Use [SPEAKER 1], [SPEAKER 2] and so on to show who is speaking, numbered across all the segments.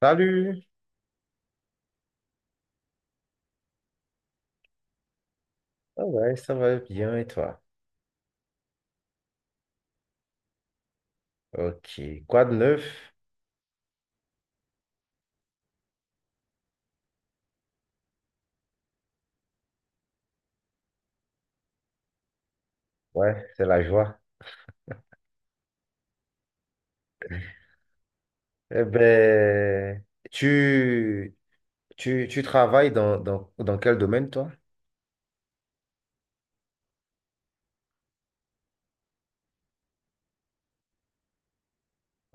[SPEAKER 1] Salut! Ouais, Ça va bien et toi? Ok. Quoi de neuf? Ouais, c'est la joie. Eh ben, tu, tu travailles dans quel domaine, toi?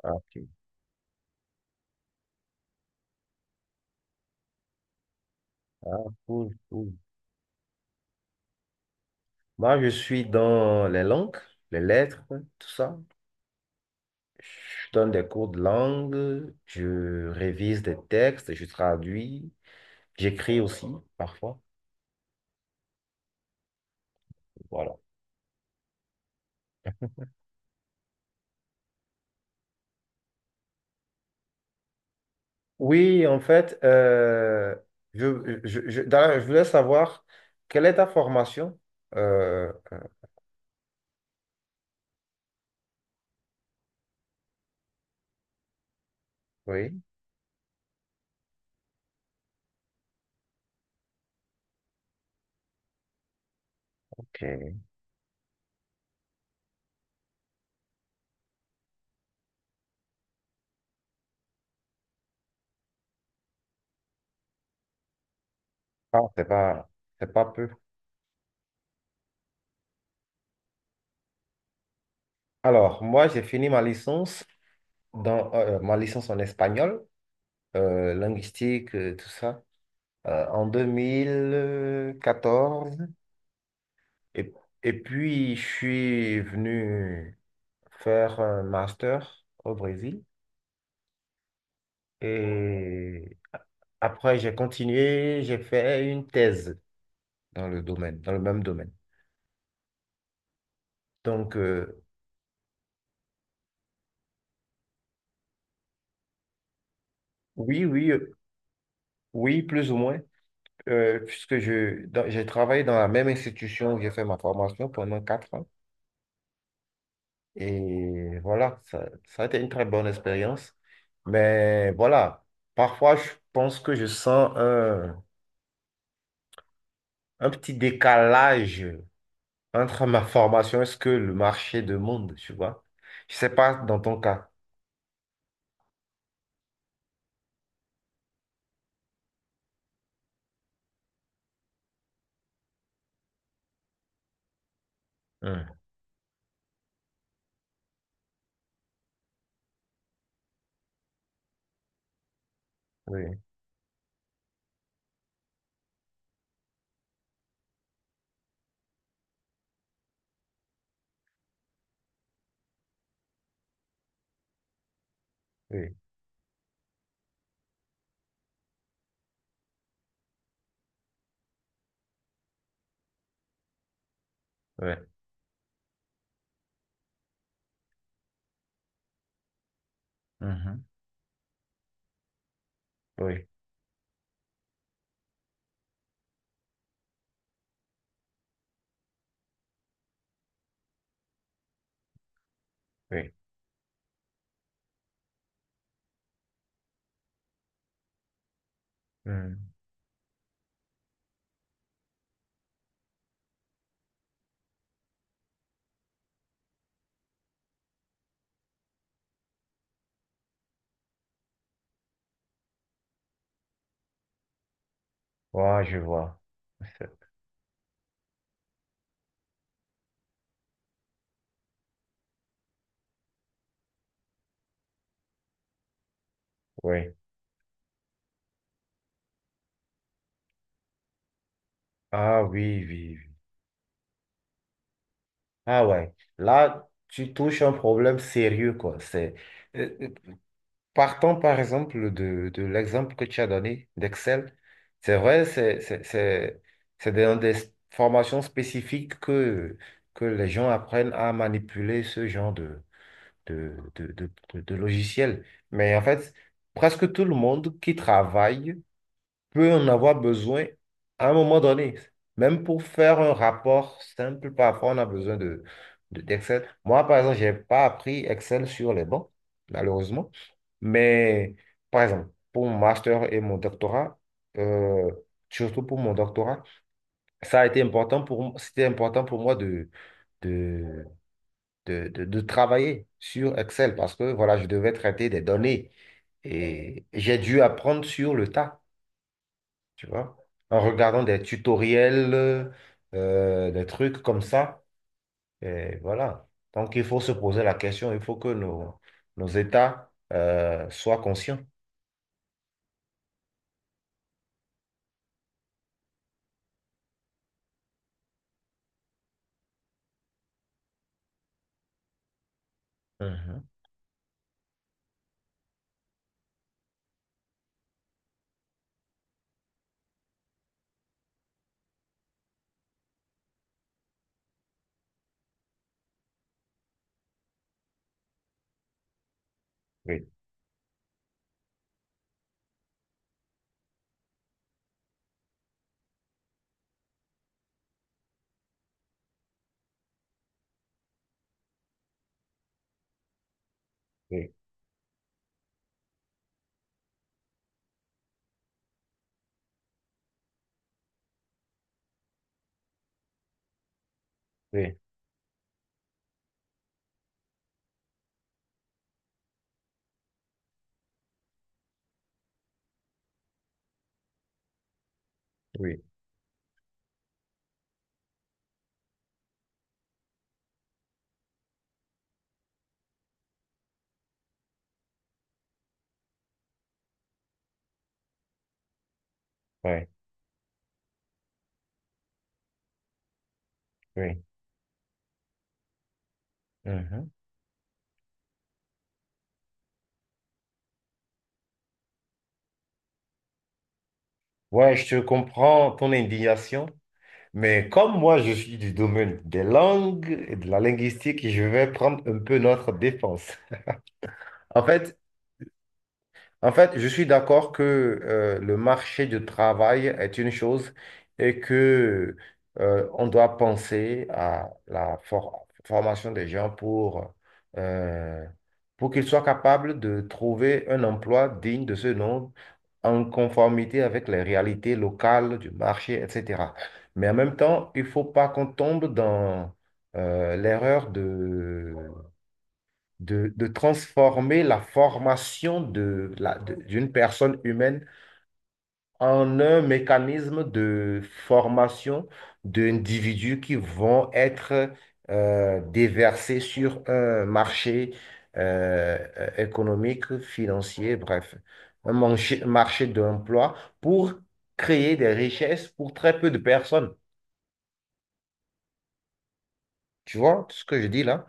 [SPEAKER 1] Ah, ok. Ah, cool. Moi, je suis dans les langues, les lettres, tout ça. Je donne des cours de langue, je révise des textes, je traduis, j'écris aussi, parfois. Voilà. Oui, en fait, d'ailleurs, je voulais savoir quelle est ta formation? Euh, euh, oui, ok. Ah, c'est pas peu. Alors, moi, j'ai fini ma licence dans ma licence en espagnol, linguistique, tout ça, en deux mille quatorze. Et, et puis, je suis venu faire un master au Brésil. Et après, j'ai continué, j'ai fait une thèse dans le même domaine. Donc, oui, oui, plus ou moins, j'ai travaillé dans la même institution où j'ai fait ma formation pendant quatre ans. Et voilà, ça a été une très bonne expérience. Mais voilà, parfois, je pense que je sens un petit décalage entre ma formation et ce que le marché demande, tu vois. Je sais pas dans ton cas. Hum. Oui, oui, ouais. Mhm. Oui, oui. Hum. Ouais, je vois. Oui. Ah oui, oui, oui. Ah ouais. Là, tu touches un problème sérieux, quoi. C'est... euh, euh, Partons par exemple de l'exemple que tu as donné d'Excel. C'est vrai, c'est dans des formations spécifiques que les gens apprennent à manipuler ce genre de logiciel. Mais en fait, presque tout le monde qui travaille peut en avoir besoin à un moment donné. Même pour faire un rapport simple, parfois on a besoin d'Excel. Moi, par exemple, je n'ai pas appris Excel sur les bancs, malheureusement. Mais, par exemple, pour mon master et mon doctorat, euh, surtout pour mon doctorat, ça a été important pour, m- c'était important pour moi de, de travailler sur Excel parce que, voilà, je devais traiter des données et j'ai dû apprendre sur le tas, tu vois, en regardant des tutoriels, des trucs comme ça. Et voilà. Donc, il faut se poser la question, il faut que nos États soient conscients. Mhm. Oui, oui, oui, oui, ouais, oui. Mhm. Ouais, je te comprends ton indignation, mais comme moi, je suis du domaine des langues et de la linguistique, je vais prendre un peu notre défense. En fait, En fait, je suis d'accord que le marché du travail est une chose et que on doit penser à la formation des gens euh, pour qu'ils soient capables de trouver un emploi digne de ce nom, en conformité avec les réalités locales du marché, etc. Mais en même temps, il ne faut pas qu'on tombe dans l'erreur de transformer la formation de d'une personne humaine en un mécanisme de formation d'individus qui vont être déversés sur un marché économique, financier, bref, un marché d'emploi pour créer des richesses pour très peu de personnes. Tu vois ce que je dis là?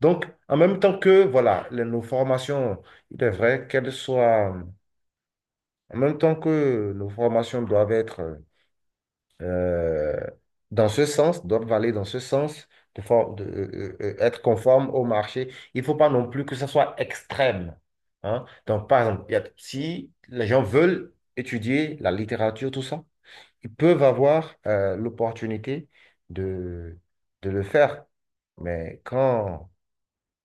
[SPEAKER 1] Donc, en même temps que, voilà, nos formations, il est vrai qu'elles soient. En même temps que nos formations doivent être euh, dans ce sens, doivent aller dans ce sens, de for- de, euh, être conformes au marché, il ne faut pas non plus que ça soit extrême, hein. Donc, par exemple, si les gens veulent étudier la littérature, tout ça, ils peuvent avoir l'opportunité de, de le faire. Mais quand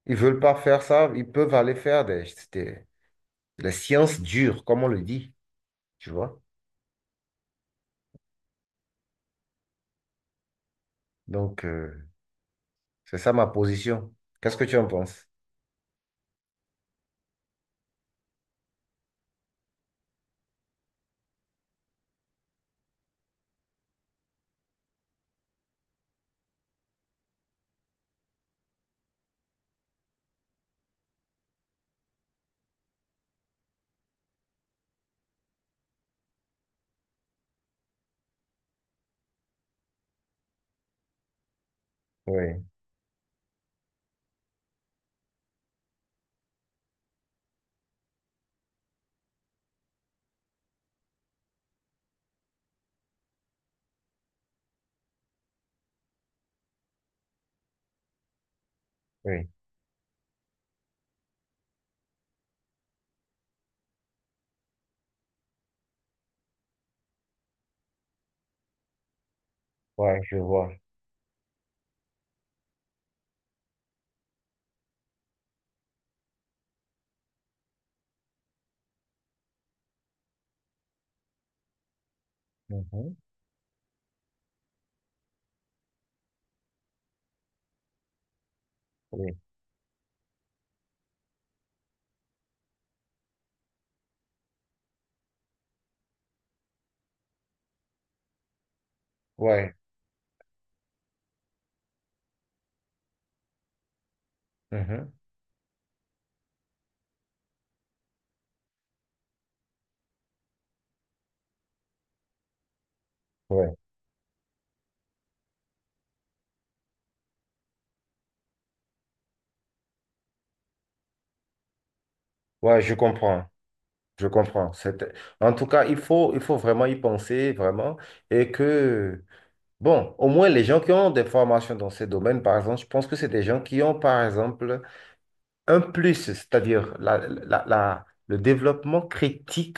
[SPEAKER 1] ils ne veulent pas faire ça, ils peuvent aller faire des, des sciences dures, comme on le dit, tu vois. Donc, c'est ça ma position. Qu'est-ce que tu en penses? Oui, oui, ouais, je vois. Mhm. Oui, ouais, mhm. Ouais, ouais, je comprends. Je comprends. C'est... En tout cas, il faut vraiment y penser, vraiment. Et que, bon, au moins les gens qui ont des formations dans ces domaines, par exemple, je pense que c'est des gens qui ont, par exemple, un plus, c'est-à-dire le développement critique.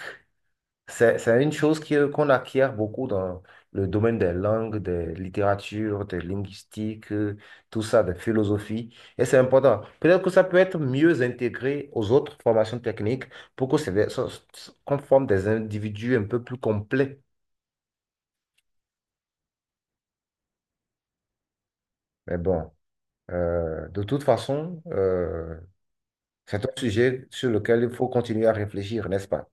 [SPEAKER 1] C'est une chose qu'on acquiert beaucoup dans le domaine des langues, des littératures, des linguistiques, tout ça, des philosophies. Et c'est important. Peut-être que ça peut être mieux intégré aux autres formations techniques pour que c'est, ça- ça- qu'on forme des individus un peu plus complets. Mais bon, de toute façon, c'est un sujet sur lequel il faut continuer à réfléchir, n'est-ce pas?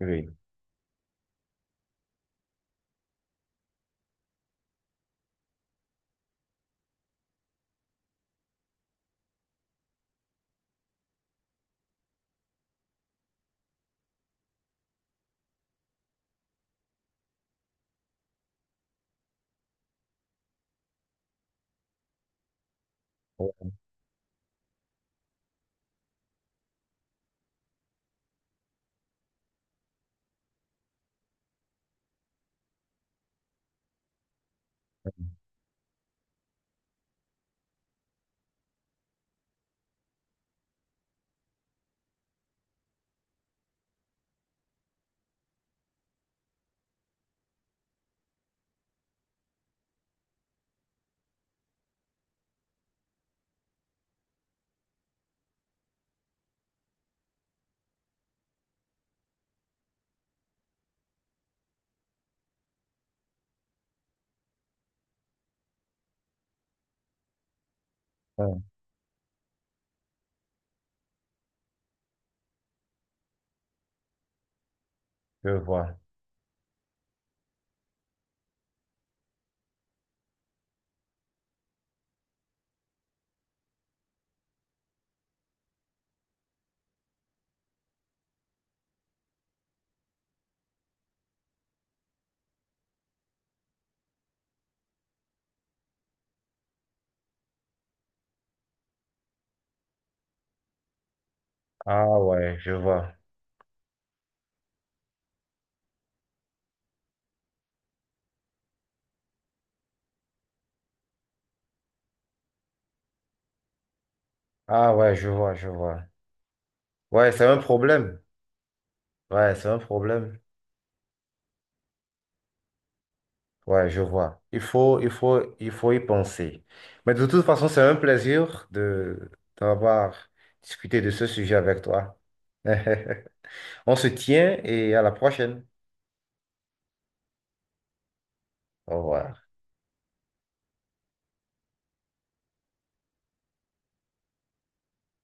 [SPEAKER 1] Oui. Hum. Je vois. Ah ouais, je vois. Ah ouais, je vois. Ouais, c'est un problème. Ouais, c'est un problème. Ouais, je vois. Il faut y penser. Mais de toute façon, c'est un plaisir de d'avoir discuté de ce sujet avec toi. On se tient et à la prochaine. Au revoir.